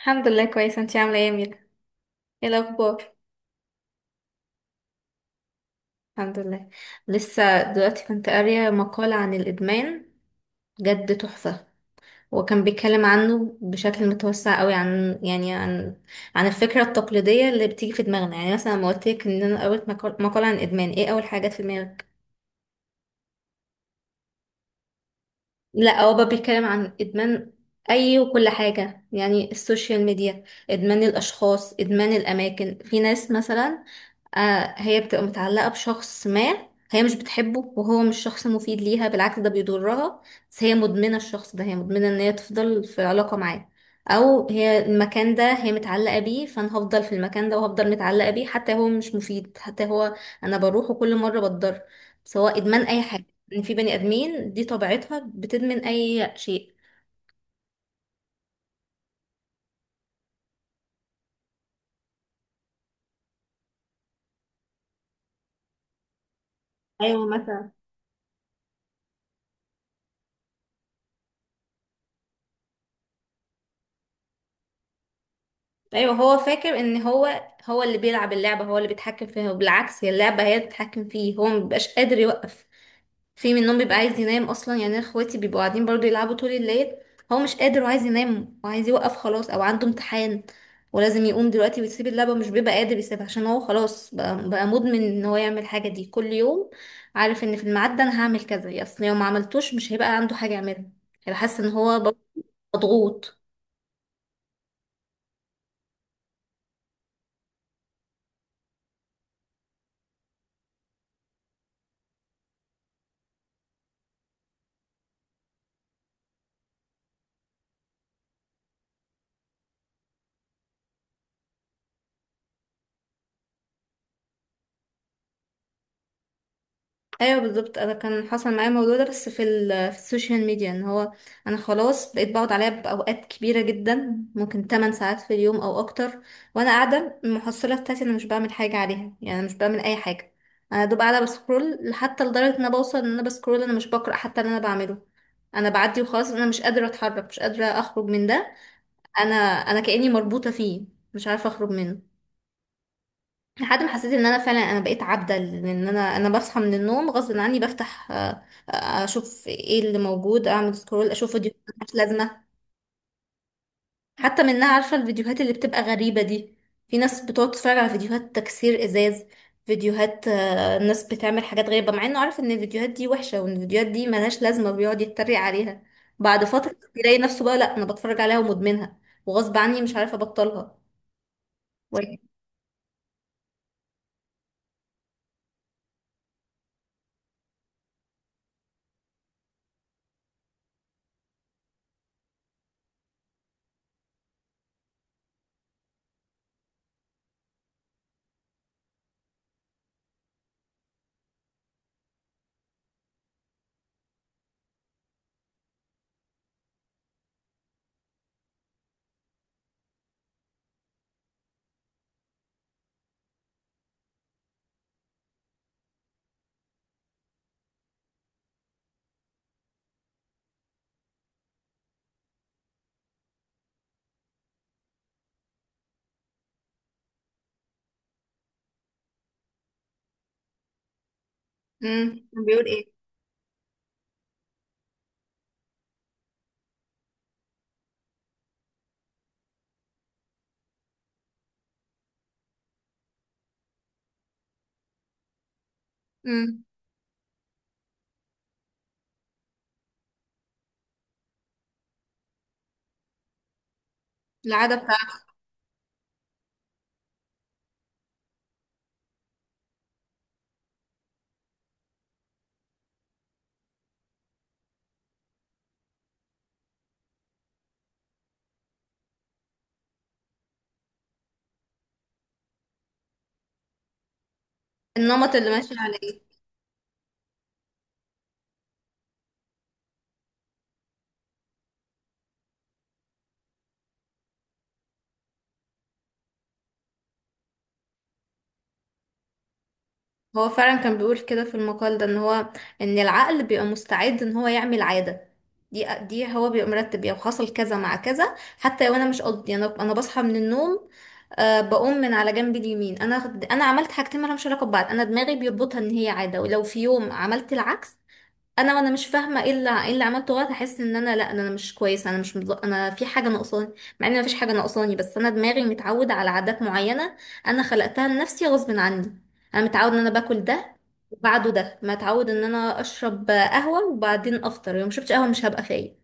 الحمد لله، كويسة. انتي عاملة ايه يا ميرا؟ ايه الأخبار؟ الحمد لله. لسه دلوقتي كنت قارية مقال عن الإدمان، جد تحفة. وكان بيتكلم عنه بشكل متوسع قوي عن، يعني، عن الفكرة التقليدية اللي بتيجي في دماغنا. يعني مثلا لما قلت لك ان انا قريت مقال عن الإدمان، ايه أول حاجات في دماغك؟ لا، هو بقى بيتكلم عن ادمان اي وكل حاجه، يعني السوشيال ميديا، ادمان الاشخاص، ادمان الاماكن. في ناس مثلا هي بتبقى متعلقه بشخص ما، هي مش بتحبه وهو مش شخص مفيد ليها، بالعكس ده بيضرها، بس هي مدمنه الشخص ده، هي مدمنه ان هي تفضل في علاقه معاه. او هي المكان ده هي متعلقه بيه، فانا هفضل في المكان ده وهفضل متعلقه بيه حتى هو مش مفيد، حتى هو انا بروحه كل مره بتضر. سواء ادمان اي حاجه، ان في بني ادمين دي طبيعتها بتدمن اي شيء. ايوه، مثلا. ايوه هو فاكر ان هو اللي بيلعب اللعبه، هو اللي بيتحكم فيها، وبالعكس هي اللعبه هي اللي بتتحكم فيه، هو مبيبقاش قادر يوقف. في منهم بيبقى عايز ينام اصلا، يعني أنا اخواتي بيبقوا قاعدين برضو يلعبوا طول الليل، هو مش قادر وعايز ينام وعايز يوقف خلاص او عنده امتحان ولازم يقوم دلوقتي ويسيب اللعبة، مش بيبقى قادر يسيبها عشان هو خلاص بقى مدمن ان هو يعمل الحاجة دي كل يوم، عارف ان في الميعاد ده انا هعمل كذا، يا اصل لو ما عملتوش مش هيبقى عنده حاجة يعملها، هيبقى حاسس ان هو برضه مضغوط. ايوه بالظبط، انا كان حصل معايا الموضوع ده بس في السوشيال ميديا، ان هو انا خلاص بقيت بقعد عليها باوقات كبيره جدا، ممكن 8 ساعات في اليوم او اكتر. وانا قاعده المحصله بتاعتي انا مش بعمل حاجه عليها، يعني انا مش بعمل اي حاجه، انا دوب قاعده بسكرول، حتى لدرجه ان انا بوصل ان انا بسكرول انا مش بقرا حتى اللي انا بعمله، انا بعدي وخلاص، انا مش قادره اتحرك مش قادره اخرج من ده، انا كاني مربوطه فيه، مش عارفه اخرج منه. لحد ما حسيت ان انا فعلا انا بقيت عبدة، لان انا بصحى من النوم غصب عني، بفتح اشوف ايه اللي موجود، اعمل سكرول، اشوف فيديوهات ملهاش لازمة. حتى منها، عارفة الفيديوهات اللي بتبقى غريبة دي، في ناس بتقعد تتفرج على فيديوهات تكسير ازاز، فيديوهات ناس بتعمل حاجات غريبة، مع انه عارف ان الفيديوهات دي وحشة وان الفيديوهات دي ملهاش لازمة وبيقعد يتريق عليها، بعد فترة يلاقي نفسه بقى لا انا بتفرج عليها ومدمنها، وغصب عني مش عارفة ابطلها. بيقول ايه؟ امم العادة. النمط اللي ماشي عليه. هو فعلا كان بيقول كده في المقال ده، ان العقل بيبقى مستعد ان هو يعمل عادة، دي هو بيبقى مرتب، يعني حصل كذا مع كذا، حتى لو انا مش قصدي، انا بصحى من النوم، بقوم من على جنب اليمين، انا عملت حاجتين مالهمش علاقة ببعض، انا دماغي بيربطها ان هي عادة. ولو في يوم عملت العكس، وانا مش فاهمه ايه اللي عملته غلط، هحس ان انا، لا، إن انا مش كويسه، انا مش انا في حاجه ناقصاني، مع ان مفيش حاجه ناقصاني، بس انا دماغي متعوده على عادات معينه، انا خلقتها لنفسي غصب عني. انا متعود ان انا باكل ده، وبعده ده متعود ان انا اشرب قهوه وبعدين افطر، لو ما شربتش قهوه مش هبقى فايق.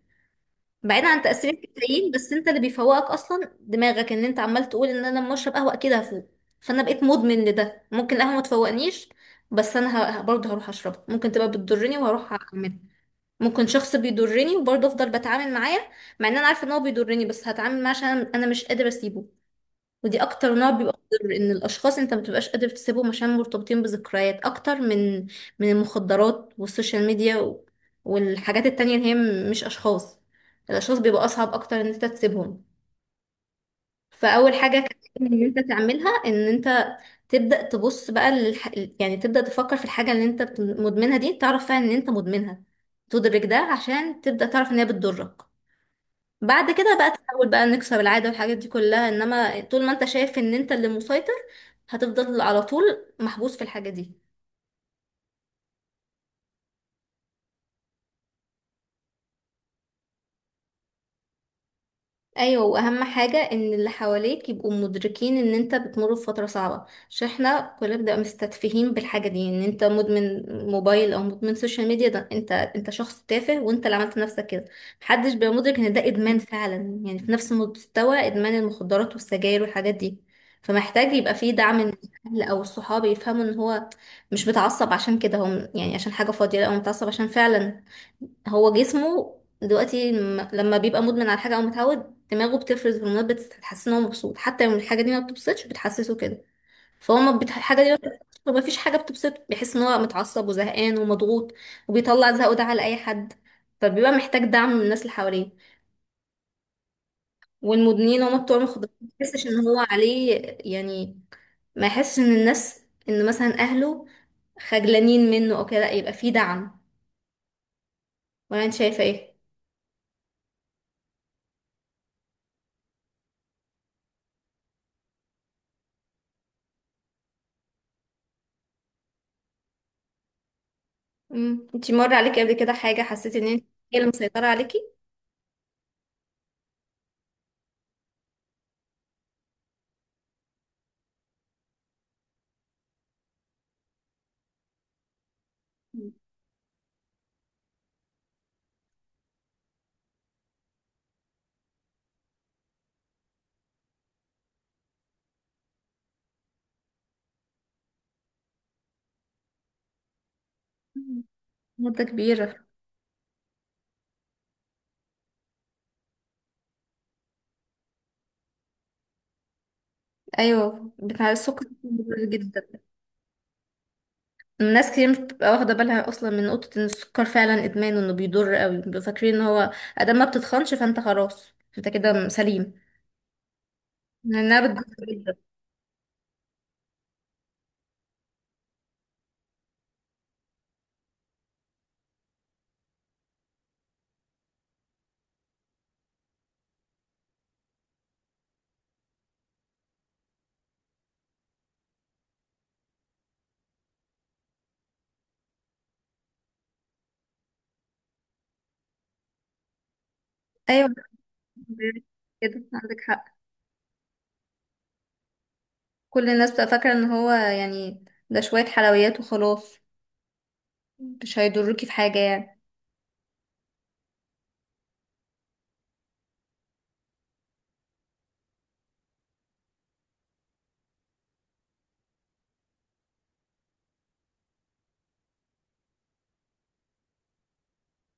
بعيدا عن تاثير الكافيين، بس انت اللي بيفوقك اصلا دماغك، ان انت عمال تقول ان انا لما اشرب قهوه اكيد هفوق. فانا بقيت مدمن لده، ممكن القهوه ما تفوقنيش بس انا برضه هروح اشربها، ممكن تبقى بتضرني وهروح اعملها. ممكن شخص بيضرني وبرضه افضل بتعامل معاه، مع ان انا عارفه ان هو بيضرني، بس هتعامل معاه عشان انا مش قادره اسيبه. ودي اكتر نوع بيبقى مضر، ان الاشخاص انت ما بتبقاش قادر تسيبهم عشان مرتبطين بذكريات اكتر من المخدرات والسوشيال ميديا والحاجات التانية اللي هي مش اشخاص. الاشخاص بيبقى اصعب اكتر ان انت تسيبهم. فاول حاجه كان ان انت تعملها، ان انت تبدأ تبص بقى يعني تبدأ تفكر في الحاجة اللي انت مدمنها دي، تعرف فعلا ان انت مدمنها، تدرك ده عشان تبدأ تعرف ان هي بتضرك. بعد كده بقى تحاول بقى نكسر العادة والحاجات دي كلها، انما طول ما انت شايف ان انت اللي مسيطر هتفضل على طول محبوس في الحاجة دي. ايوه، واهم حاجه ان اللي حواليك يبقوا مدركين ان انت بتمر بفتره صعبه، عشان احنا كلنا بنبقى مستتفهين بالحاجه دي، ان انت مدمن موبايل او مدمن سوشيال ميديا، ده انت شخص تافه وانت اللي عملت نفسك كده، محدش بيبقى مدرك ان ده ادمان فعلا يعني في نفس مستوى ادمان المخدرات والسجاير والحاجات دي. فمحتاج يبقى فيه دعم من الاهل او الصحاب، يفهموا ان هو مش متعصب عشان كده هم يعني عشان حاجه فاضيه، لا هو متعصب عشان فعلا هو جسمه دلوقتي لما بيبقى مدمن على حاجة أو متعود، دماغه بتفرز هرمونات بتحسسه إن هو مبسوط حتى لو الحاجة دي ما بتبسطش، بتحسسه كده. فهو ما الحاجة دي ما بتبسطش، وما فيش حاجة بتبسطه، بيحس إن هو متعصب وزهقان ومضغوط، وبيطلع زهقه ده على أي حد. فبيبقى محتاج دعم من الناس اللي حواليه، والمدمنين هما بتوع المخدرات، ما يحسش إن هو عليه يعني، ما يحسش إن الناس، إن مثلا أهله خجلانين منه أو كده، لأ، يبقى فيه دعم. ولا أنت شايفة إيه؟ مم. انتي مر عليكي قبل كده حاجة حسيتي ان انت هي اللي مسيطرة عليكي؟ مم. مدة كبيرة. ايوه بتاع السكر مضر جدا. ناس كتير مش بتبقى واخدة بالها اصلا من نقطة ان السكر فعلا ادمان وانه بيضر قوي، بيبقوا فاكرين ان هو ادام ما بتتخنش فانت خلاص، انت كده سليم، لانها بتضر جدا. ايوه كده عندك حق، كل الناس بتبقى فاكرة ان هو يعني ده شوية حلويات وخلاص، مش هيضركي في حاجة يعني.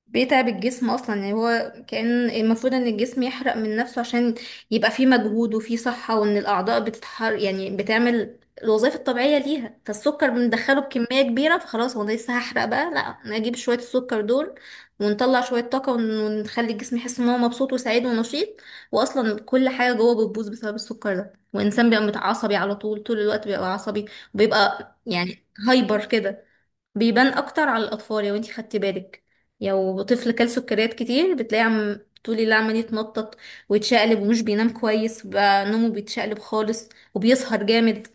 بيتعب الجسم اصلا، يعني هو كان المفروض ان الجسم يحرق من نفسه عشان يبقى فيه مجهود وفيه صحة، وان الاعضاء بتتحر، يعني بتعمل الوظائف الطبيعية ليها، فالسكر بندخله بكمية كبيرة فخلاص، هو ده لسه هحرق بقى، لا نجيب شوية السكر دول ونطلع شوية طاقة ونخلي الجسم يحس ان هو مبسوط وسعيد ونشيط. واصلا كل حاجة جوه بتبوظ بسبب السكر ده، والانسان بيبقى متعصبي على طول، طول الوقت بيبقى عصبي، وبيبقى يعني هايبر كده. بيبان اكتر على الاطفال لو انتي خدتي بالك، لو طفل كل سكريات كتير بتلاقي عم طول الليل عمال يتنطط ويتشقلب ومش بينام كويس، بقى نومه بيتشقلب خالص وبيسهر جامد،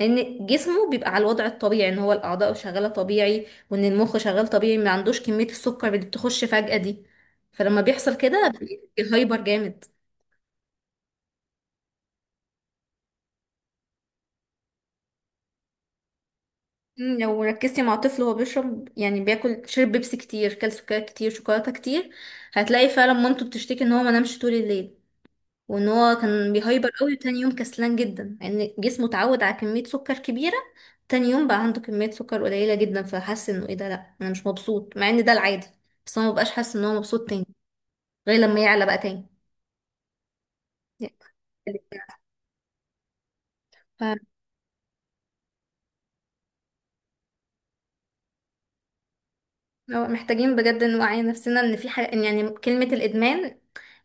لان جسمه بيبقى على الوضع الطبيعي ان هو الاعضاء شغاله طبيعي وان المخ شغال طبيعي، ما عندوش كميه السكر اللي بتخش فجاه دي، فلما بيحصل كده بيبقى هايبر جامد. لو ركزتي مع طفل وهو بيشرب، يعني بياكل شرب بيبسي كتير كل سكريات كتير شوكولاته كتير، هتلاقي فعلا مامته بتشتكي ان هو ما نامش طول الليل، وان هو كان بيهايبر قوي، وتاني يوم كسلان جدا لان يعني جسمه اتعود على كمية سكر كبيرة، تاني يوم بقى عنده كمية سكر قليلة جدا فحس انه ايه ده، لا انا مش مبسوط، مع ان ده العادي، بس هو مبقاش حاسس ان هو مبسوط تاني غير لما يعلى بقى تاني. ف- هو محتاجين بجد نوعي نفسنا ان في حاجة، إن يعني كلمة الادمان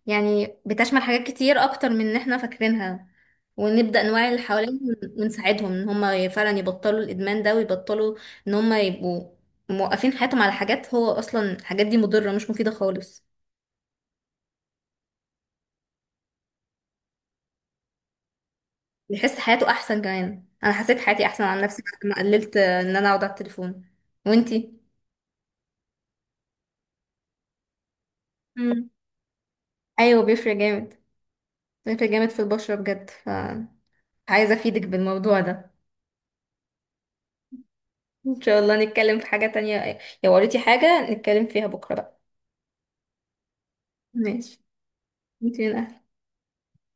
يعني بتشمل حاجات كتير اكتر من ان احنا فاكرينها، ونبدأ نوعي اللي حوالينا ونساعدهم ان هم فعلا يبطلوا الادمان ده، ويبطلوا ان هم يبقوا موقفين حياتهم على حاجات هو اصلا الحاجات دي مضرة مش مفيدة خالص. يحس حياته احسن كمان، انا حسيت حياتي احسن عن نفسي بعد ما قللت ان انا اقعد على التليفون. وانتي؟ مم. ايوه بيفرق جامد، بيفرق جامد في البشرة بجد، فعايزة افيدك بالموضوع ده. ان شاء الله نتكلم في حاجة تانية، لو قريتي حاجة نتكلم فيها بكرة بقى. ماشي. يمكن.